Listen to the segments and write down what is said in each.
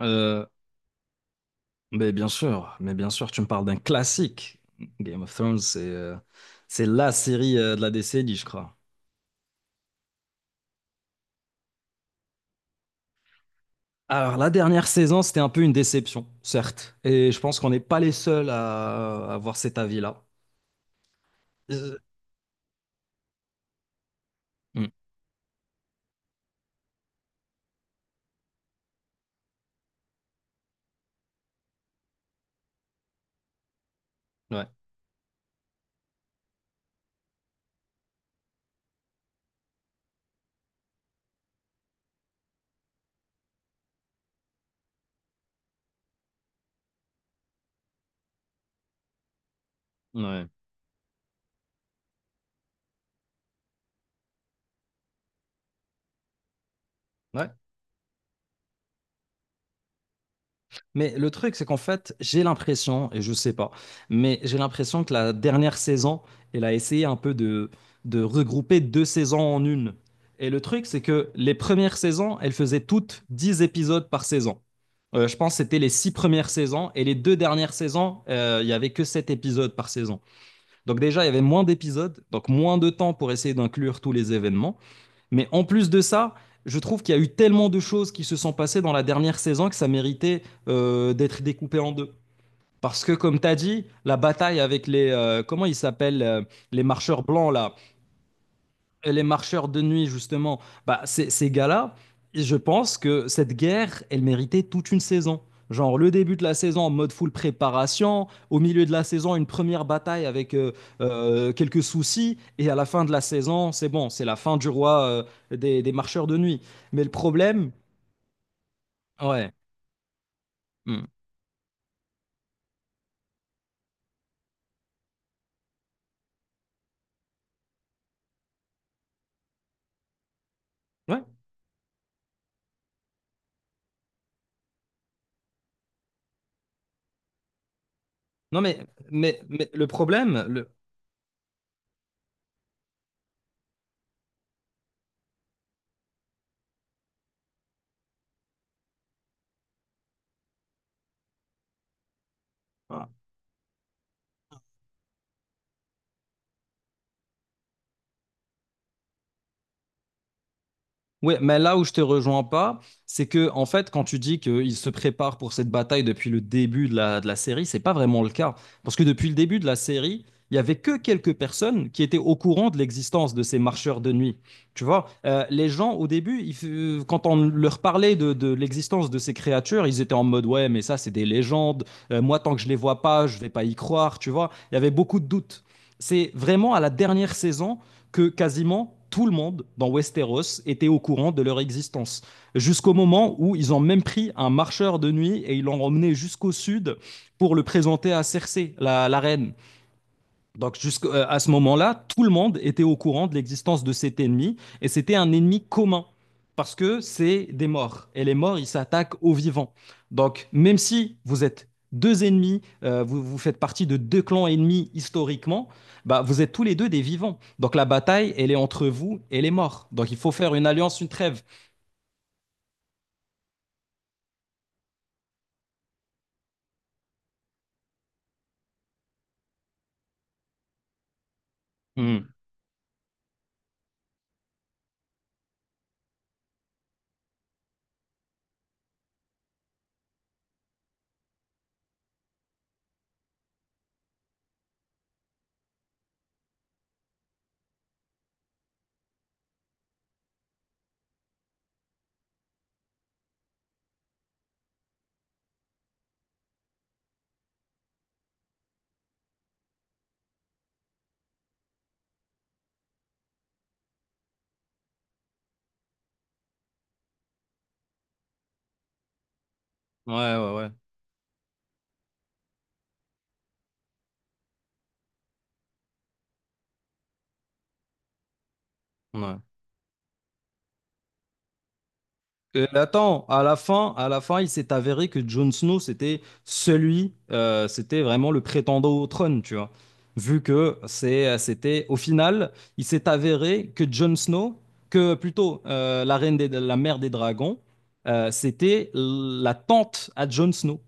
Euh, mais bien sûr, mais bien sûr, tu me parles d'un classique. Game of Thrones, c'est la série de la décennie, je crois. Alors, la dernière saison, c'était un peu une déception, certes. Et je pense qu'on n'est pas les seuls à avoir cet avis-là. Euh, hmm, ouais, ouais, ouais. Mais le truc, c'est qu'en fait, j'ai l'impression, et je sais pas, mais j'ai l'impression que la dernière saison, elle a essayé un peu de regrouper deux saisons en une. Et le truc, c'est que les premières saisons, elles faisaient toutes 10 épisodes par saison. Je pense que c'était les six premières saisons et les deux dernières saisons, il y avait que sept épisodes par saison. Donc déjà, il y avait moins d'épisodes, donc moins de temps pour essayer d'inclure tous les événements. Mais en plus de ça, je trouve qu'il y a eu tellement de choses qui se sont passées dans la dernière saison que ça méritait d'être découpé en deux. Parce que, comme tu as dit, la bataille avec les, comment ils s'appellent les marcheurs blancs, là, et les marcheurs de nuit, justement, bah, ces gars-là, je pense que cette guerre, elle méritait toute une saison. Genre le début de la saison en mode full préparation, au milieu de la saison une première bataille avec quelques soucis, et à la fin de la saison, c'est bon, c'est la fin du roi des marcheurs de nuit. Mais le problème, ouais, hmm, ouais, non mais, mais le problème, ah, oui, mais là où je te rejoins pas, c'est que en fait, quand tu dis qu'ils se préparent pour cette bataille depuis le début de de la série, c'est pas vraiment le cas. Parce que depuis le début de la série, il y avait que quelques personnes qui étaient au courant de l'existence de ces marcheurs de nuit. Tu vois, les gens au début, quand on leur parlait de l'existence de ces créatures, ils étaient en mode ouais, mais ça c'est des légendes. Moi, tant que je les vois pas, je vais pas y croire. Tu vois, il y avait beaucoup de doutes. C'est vraiment à la dernière saison que quasiment tout le monde dans Westeros était au courant de leur existence. Jusqu'au moment où ils ont même pris un marcheur de nuit et ils l'ont emmené jusqu'au sud pour le présenter à Cersei, la reine. Donc jusqu'à ce moment-là, tout le monde était au courant de l'existence de cet ennemi et c'était un ennemi commun parce que c'est des morts et les morts, ils s'attaquent aux vivants. Donc même si vous êtes deux ennemis, vous faites partie de deux clans ennemis historiquement, bah, vous êtes tous les deux des vivants. Donc la bataille, elle est entre vous et les morts. Donc il faut faire une alliance, une trêve. Hmm. Ouais, ouais, ouais. Ouais. Attends, à la fin, il s'est avéré que Jon Snow, c'était vraiment le prétendant au trône, tu vois. Vu que c'était, au final, il s'est avéré que Jon Snow, que plutôt la reine des, la mère des dragons, c'était la tante à Jon Snow.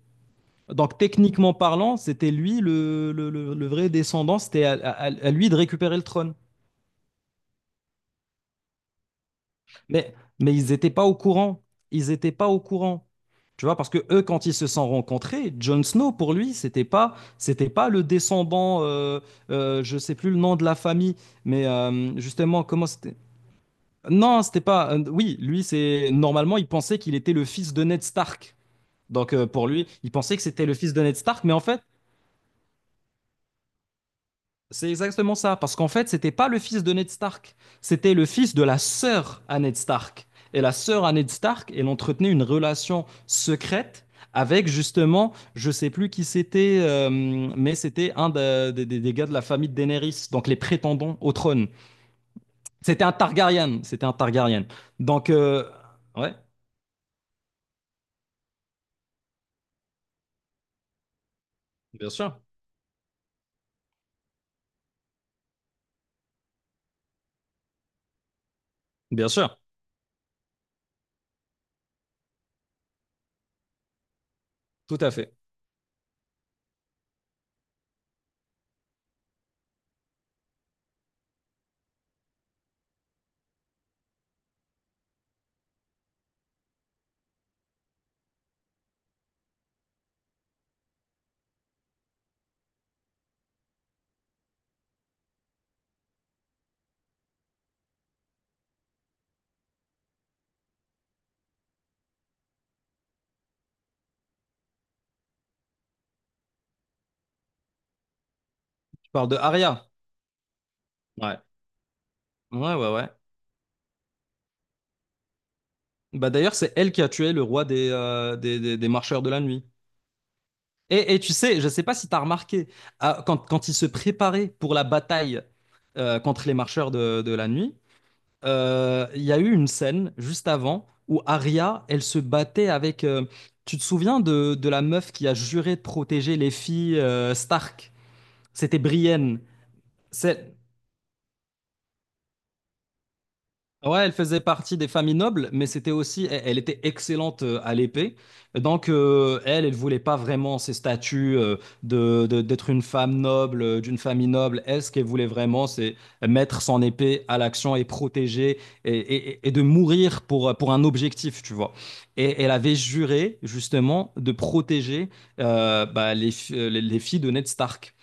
Donc techniquement parlant, c'était lui le vrai descendant, c'était à lui de récupérer le trône. Mais, mais ils n'étaient pas au courant. Ils n'étaient pas au courant. Tu vois, parce que eux, quand ils se sont rencontrés, Jon Snow, pour lui, c'était pas le descendant, je sais plus le nom de la famille, mais justement, comment c'était? Non, c'était pas. Oui, lui, c'est normalement, il pensait qu'il était le fils de Ned Stark. Donc pour lui, il pensait que c'était le fils de Ned Stark, mais en fait, c'est exactement ça, parce qu'en fait, c'était pas le fils de Ned Stark, c'était le fils de la sœur à Ned Stark. Et la sœur à Ned Stark, elle entretenait une relation secrète avec justement, je sais plus qui c'était, mais c'était un de- des gars de la famille de Daenerys, donc les prétendants au trône. C'était un Targaryen, c'était un Targaryen. Donc, euh, ouais, bien sûr, bien sûr, tout à fait. Je parle de Arya. Ouais, ouais, ouais, ouais. Bah d'ailleurs, c'est elle qui a tué le roi des marcheurs de la nuit. Et tu sais, je ne sais pas si tu as remarqué, quand, quand il se préparait pour la bataille contre les marcheurs de la nuit, il y a eu une scène juste avant où Arya, elle se battait avec... tu te souviens de la meuf qui a juré de protéger les filles Stark? C'était Brienne. C'est- Ouais, elle faisait partie des familles nobles, mais c'était aussi, elle était excellente à l'épée. Donc, elle voulait pas vraiment ces statuts d'être une femme noble, d'une famille noble. Elle, ce qu'elle voulait vraiment, c'est mettre son épée à l'action et protéger et de mourir pour un objectif, tu vois. Et elle avait juré, justement, de protéger bah, les filles de Ned Stark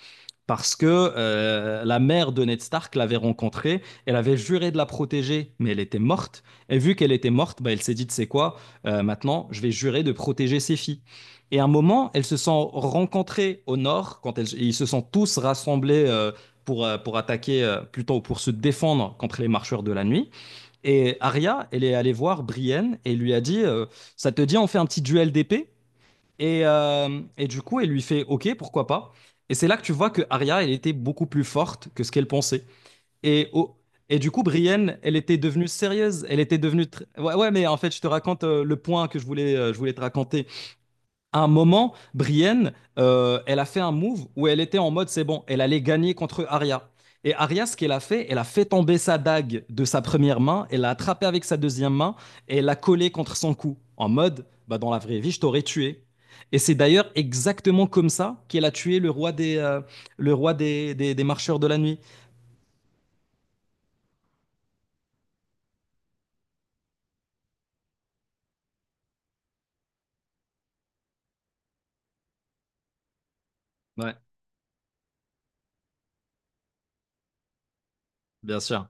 parce que la mère de Ned Stark l'avait rencontrée, elle avait juré de la protéger, mais elle était morte. Et vu qu'elle était morte, bah, elle s'est dit, tu sais quoi, maintenant, je vais jurer de protéger ses filles. Et à un moment, elles se sont rencontrées au nord, quand ils se sont tous rassemblés pour attaquer, plutôt pour se défendre contre les marcheurs de la nuit. Et Arya, elle est allée voir Brienne et lui a dit, ça te dit, on fait un petit duel d'épée et du coup, elle lui fait OK, pourquoi pas. Et c'est là que tu vois que Arya, elle était beaucoup plus forte que ce qu'elle pensait. Et, au- et du coup, Brienne, elle était devenue sérieuse. Elle était devenue. Tr- Ouais, ouais, mais en fait, je te raconte le point que je voulais te raconter. À un moment, Brienne, elle a fait un move où elle était en mode c'est bon, elle allait gagner contre Arya. Et Arya, ce qu'elle a fait, elle a fait tomber sa dague de sa première main, elle l'a attrapée avec sa deuxième main et elle l'a collée contre son cou. En mode, bah, dans la vraie vie, je t'aurais tué. Et c'est d'ailleurs exactement comme ça qu'elle a tué le roi des marcheurs de la nuit. Ouais, bien sûr.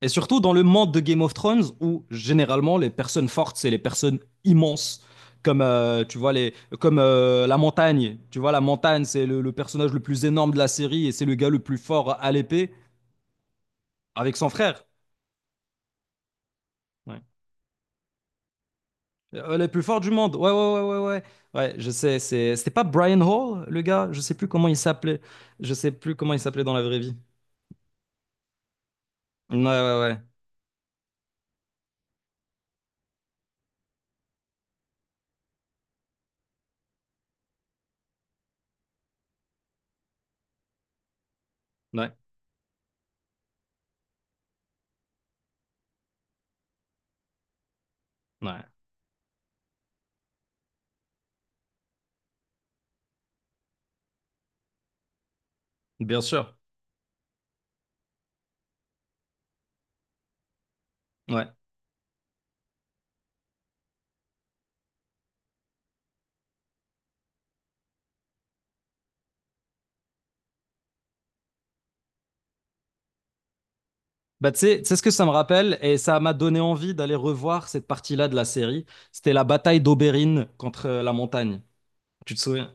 Et surtout dans le monde de Game of Thrones où généralement les personnes fortes, c'est les personnes immenses. Comme, euh, tu vois, les, comme la montagne. Tu vois, la montagne, c'est le personnage le plus énorme de la série et c'est le gars le plus fort à l'épée avec son frère. Ouais. Le plus fort du monde. Ouais, ouais, ouais, ouais, ouais. Ouais, je sais. C'était pas Brian Hall, le gars? Je sais plus comment il s'appelait. Je sais plus comment il s'appelait dans la vraie vie. Ouais, ouais, ouais. Ouais, ouais. Bien sûr. Ouais. Bah, tu sais ce que ça me rappelle, et ça m'a donné envie d'aller revoir cette partie-là de la série. C'était la bataille d'Oberyn contre la montagne. Tu te souviens?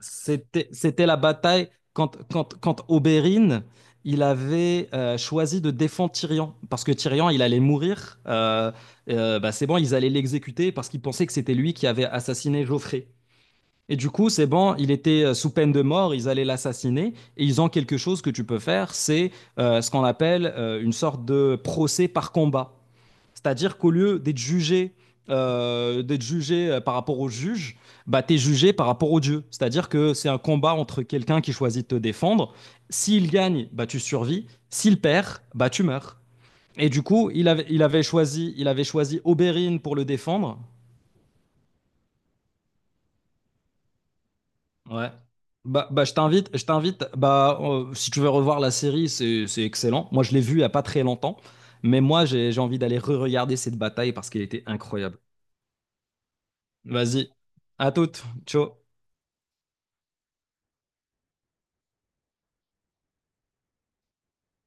C'était la bataille quand Oberyn, il avait choisi de défendre Tyrion, parce que Tyrion, il allait mourir. Bah, c'est bon, ils allaient l'exécuter parce qu'ils pensaient que c'était lui qui avait assassiné Joffrey. Et du coup, c'est bon, il était sous peine de mort, ils allaient l'assassiner, et ils ont quelque chose que tu peux faire, c'est ce qu'on appelle une sorte de procès par combat. C'est-à-dire qu'au lieu d'être jugé, par rapport au juge, bah, tu es jugé par rapport au Dieu. C'est-à-dire que c'est un combat entre quelqu'un qui choisit de te défendre. S'il gagne, bah, tu survis. S'il perd, bah, tu meurs. Et du coup, il avait choisi Oberyn pour le défendre. Ouais. Bah, je t'invite, bah, si tu veux revoir la série, c'est excellent. Moi, je l'ai vue il n'y a pas très longtemps, mais moi, j'ai envie d'aller re-regarder cette bataille parce qu'elle était incroyable. Vas-y, à toute, ciao.